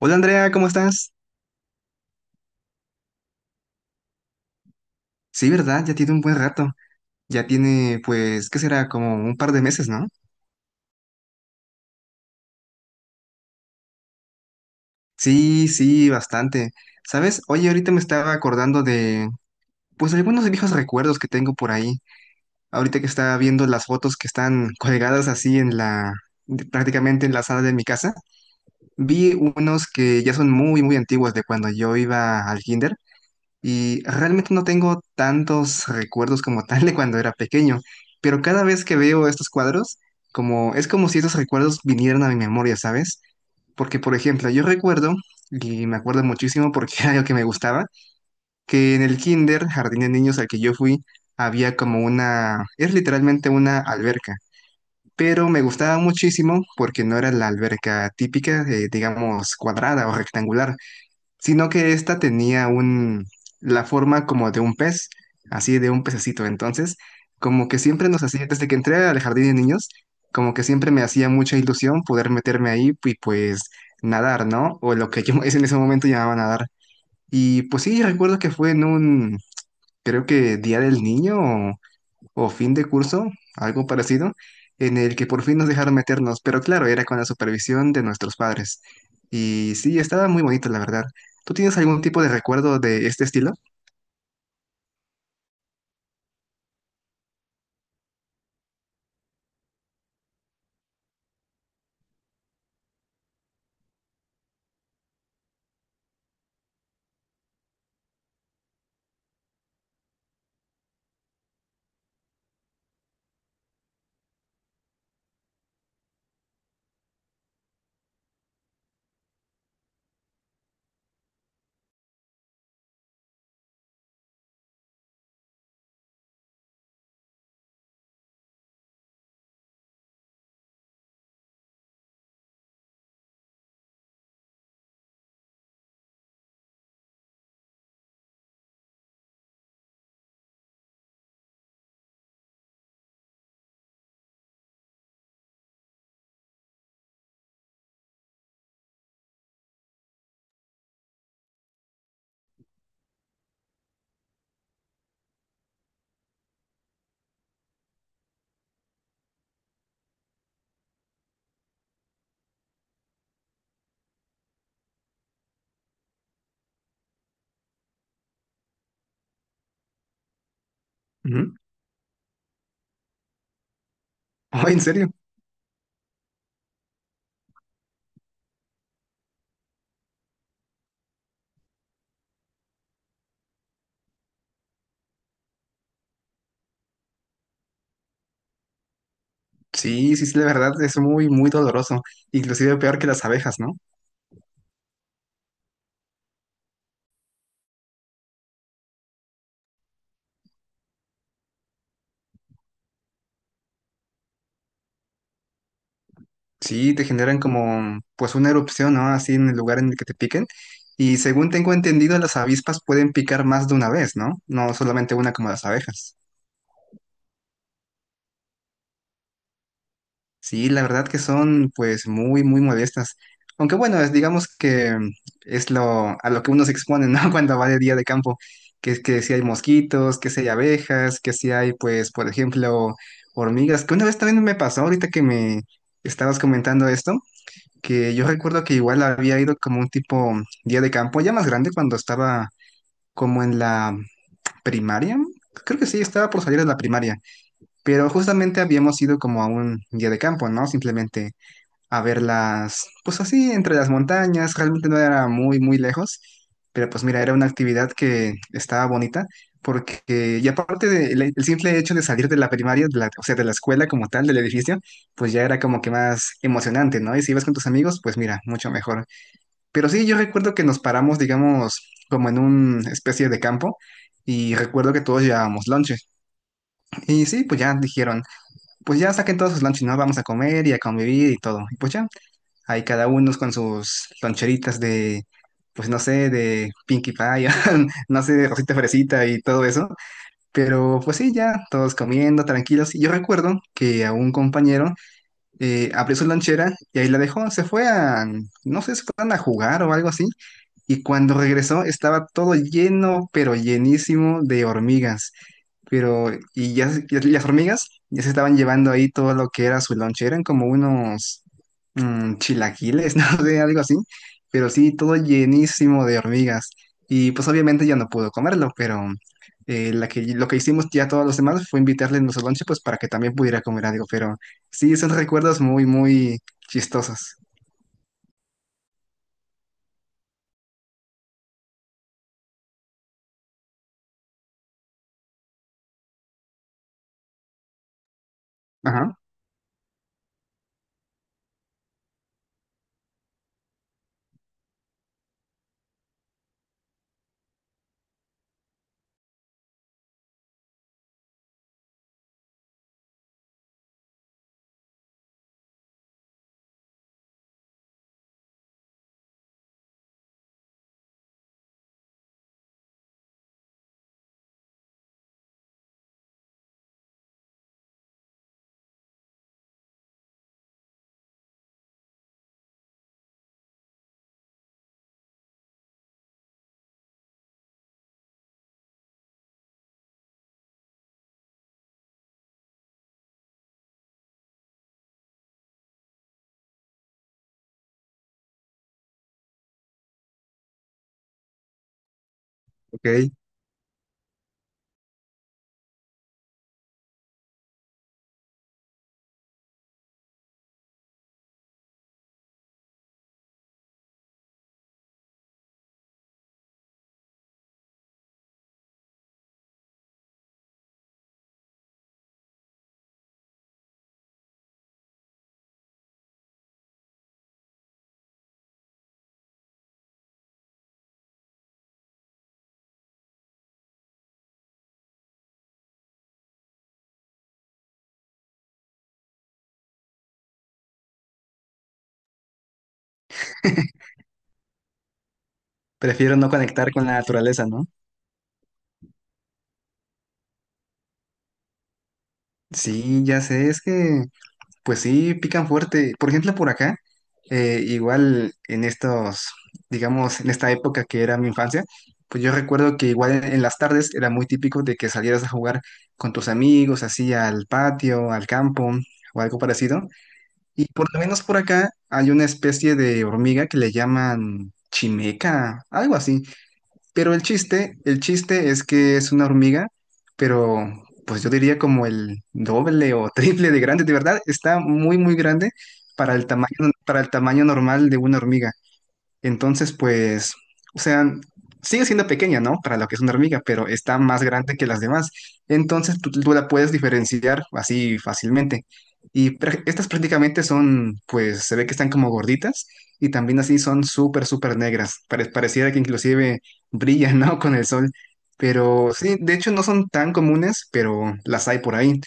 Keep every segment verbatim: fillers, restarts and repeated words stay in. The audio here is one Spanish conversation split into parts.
Hola Andrea, ¿cómo estás? Sí, ¿verdad? Ya tiene un buen rato. Ya tiene, pues, ¿qué será? Como un par de meses, ¿no? Sí, sí, bastante. ¿Sabes? Oye, ahorita me estaba acordando de, pues, algunos viejos recuerdos que tengo por ahí. Ahorita que estaba viendo las fotos que están colgadas así en la, prácticamente en la sala de mi casa, vi unos que ya son muy, muy antiguos de cuando yo iba al kinder. Y realmente no tengo tantos recuerdos como tal de cuando era pequeño, pero cada vez que veo estos cuadros, como es como si esos recuerdos vinieran a mi memoria, ¿sabes? Porque, por ejemplo, yo recuerdo, y me acuerdo muchísimo porque era algo que me gustaba, que en el kinder, jardín de niños al que yo fui, había como una, es literalmente una alberca, pero me gustaba muchísimo porque no era la alberca típica, eh, digamos, cuadrada o rectangular sino que esta tenía un, la forma como de un pez, así de un pececito. Entonces, como que siempre nos hacía, desde que entré al jardín de niños, como que siempre me hacía mucha ilusión poder meterme ahí y pues nadar, ¿no? O lo que yo en ese momento llamaba nadar. Y pues sí, recuerdo que fue en un, creo que Día del Niño o fin de curso, algo parecido, en el que por fin nos dejaron meternos, pero claro, era con la supervisión de nuestros padres. Y sí, estaba muy bonito, la verdad. ¿Tú tienes algún tipo de recuerdo de este estilo? Ujú. Ay, ¿en serio? Sí, sí, sí, la verdad es muy, muy doloroso, inclusive peor que las abejas, ¿no? Sí, te generan como, pues, una erupción, ¿no? Así en el lugar en el que te piquen. Y según tengo entendido, las avispas pueden picar más de una vez, ¿no? No solamente una como las abejas. Sí, la verdad que son pues muy, muy modestas. Aunque bueno, es, digamos que mm, es lo, a lo que uno se expone, ¿no? Cuando va de día de campo, que, que si hay mosquitos, que si hay abejas, que si hay pues, por ejemplo, hormigas, que una vez también me pasó, ahorita que me estabas comentando esto, que yo recuerdo que igual había ido como un tipo día de campo, ya más grande, cuando estaba como en la primaria. Creo que sí, estaba por salir de la primaria, pero justamente habíamos ido como a un día de campo, ¿no? Simplemente a verlas, pues así, entre las montañas, realmente no era muy, muy lejos, pero pues mira, era una actividad que estaba bonita, porque, y aparte del el simple hecho de salir de la primaria, de la- o sea, de la escuela como tal, del edificio, pues ya era como que más emocionante, ¿no? Y si ibas con tus amigos, pues mira, mucho mejor. Pero sí, yo recuerdo que nos paramos, digamos, como en una especie de campo. Y recuerdo que todos llevábamos lonche. Y sí, pues ya dijeron, pues ya saquen todos sus lonches, ¿no? Vamos a comer y a convivir y todo. Y pues ya, ahí cada uno con sus loncheritas de, pues no sé, de Pinkie Pie, no sé, de Rosita Fresita y todo eso. Pero pues sí, ya, todos comiendo, tranquilos. Y yo recuerdo que a un compañero eh, abrió su lonchera y ahí la dejó, se fue a, no sé, se fueron a jugar o algo así. Y cuando regresó estaba todo lleno, pero llenísimo de hormigas. Pero, y ya, se- y las hormigas ya se estaban llevando ahí todo lo que era su lonche, eran como unos mm, chilaquiles, no sé, algo así, pero sí, todo llenísimo de hormigas. Y pues obviamente ya no pudo comerlo, pero eh, la que, lo que hicimos ya todos los demás fue invitarle nuestro lonche pues para que también pudiera comer algo, pero sí, son recuerdos muy, muy chistosos. Ajá, ok. Prefiero no conectar con la naturaleza, ¿no? Sí, ya sé, es que pues sí, pican fuerte. Por ejemplo, por acá, eh, igual en estos, digamos, en esta época que era mi infancia, pues yo recuerdo que igual en, en las tardes era muy típico de que salieras a jugar con tus amigos, así al patio, al campo o algo parecido. Y por lo menos por acá hay una especie de hormiga que le llaman chimeca, algo así, pero el chiste, el chiste es que es una hormiga, pero pues yo diría como el doble o triple de grande, de verdad, está muy, muy grande para el tamaño, para el tamaño normal de una hormiga. Entonces, pues, o sea, sigue siendo pequeña, ¿no? Para lo que es una hormiga, pero está más grande que las demás. Entonces, tú, tú la puedes diferenciar así fácilmente. Y prá- estas prácticamente son, pues, se ve que están como gorditas y también así son súper, súper negras. Pare- pareciera que inclusive brillan, ¿no? Con el sol. Pero sí, de hecho no son tan comunes, pero las hay por ahí.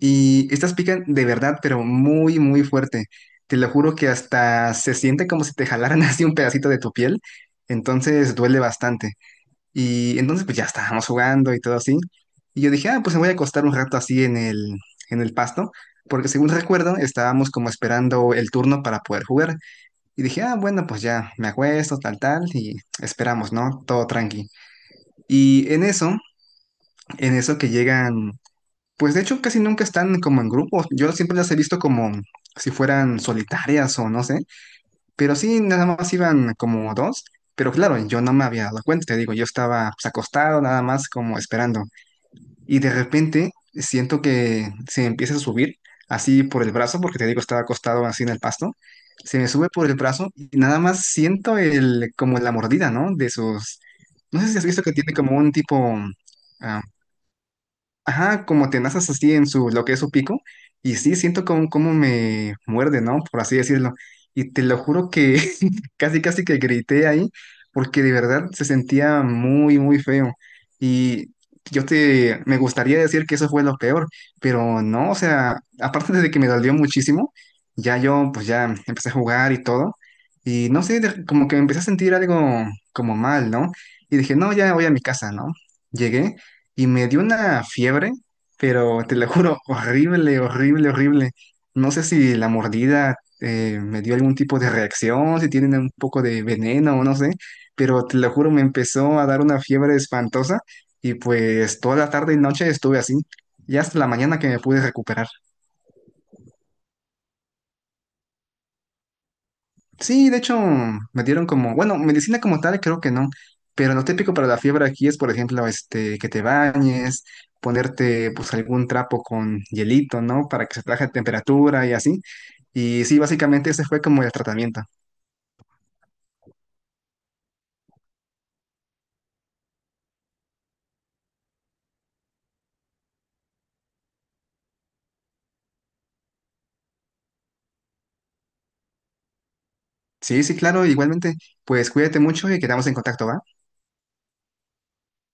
Y estas pican de verdad, pero muy, muy fuerte. Te lo juro que hasta se siente como si te jalaran así un pedacito de tu piel. Entonces duele bastante. Y entonces pues ya estábamos jugando y todo así. Y yo dije, ah, pues me voy a acostar un rato así en el, en el pasto. Porque según recuerdo, estábamos como esperando el turno para poder jugar. Y dije, ah, bueno, pues ya me acuesto, tal, tal. Y esperamos, ¿no? Todo tranqui. Y en eso, en eso que llegan pues de hecho casi nunca están como en grupos. Yo siempre las he visto como si fueran solitarias o no sé. Pero sí, nada más iban como dos. Pero claro, yo no me había dado cuenta, te digo, yo estaba pues, acostado nada más como esperando. Y de repente siento que se empieza a subir así por el brazo, porque te digo, estaba acostado así en el pasto. Se me sube por el brazo y nada más siento el, como la mordida, ¿no? De sus... No sé si has visto que tiene como un tipo, ah, ajá, como tenazas así en su, lo que es su pico. Y sí, siento como, como me muerde, ¿no? Por así decirlo. Y te lo juro que casi, casi que grité ahí, porque de verdad se sentía muy, muy feo. Y yo te, me gustaría decir que eso fue lo peor, pero no, o sea, aparte de que me dolió muchísimo, ya yo, pues ya empecé a jugar y todo. Y no sé, de- como que me empecé a sentir algo como mal, ¿no? Y dije, no, ya voy a mi casa, ¿no? Llegué y me dio una fiebre, pero te lo juro, horrible, horrible, horrible. No sé si la mordida eh, me dio algún tipo de reacción, si tienen un poco de veneno o no sé, pero te lo juro, me empezó a dar una fiebre espantosa y pues toda la tarde y noche estuve así, y hasta la mañana que me pude recuperar. Sí, de hecho, me dieron como, bueno, medicina como tal, creo que no, pero lo típico para la fiebre aquí es, por ejemplo, este, que te bañes, ponerte pues algún trapo con hielito, ¿no? Para que se traje temperatura y así. Y sí, básicamente ese fue como el tratamiento. Sí, sí, claro, igualmente, pues cuídate mucho y quedamos en contacto, ¿va?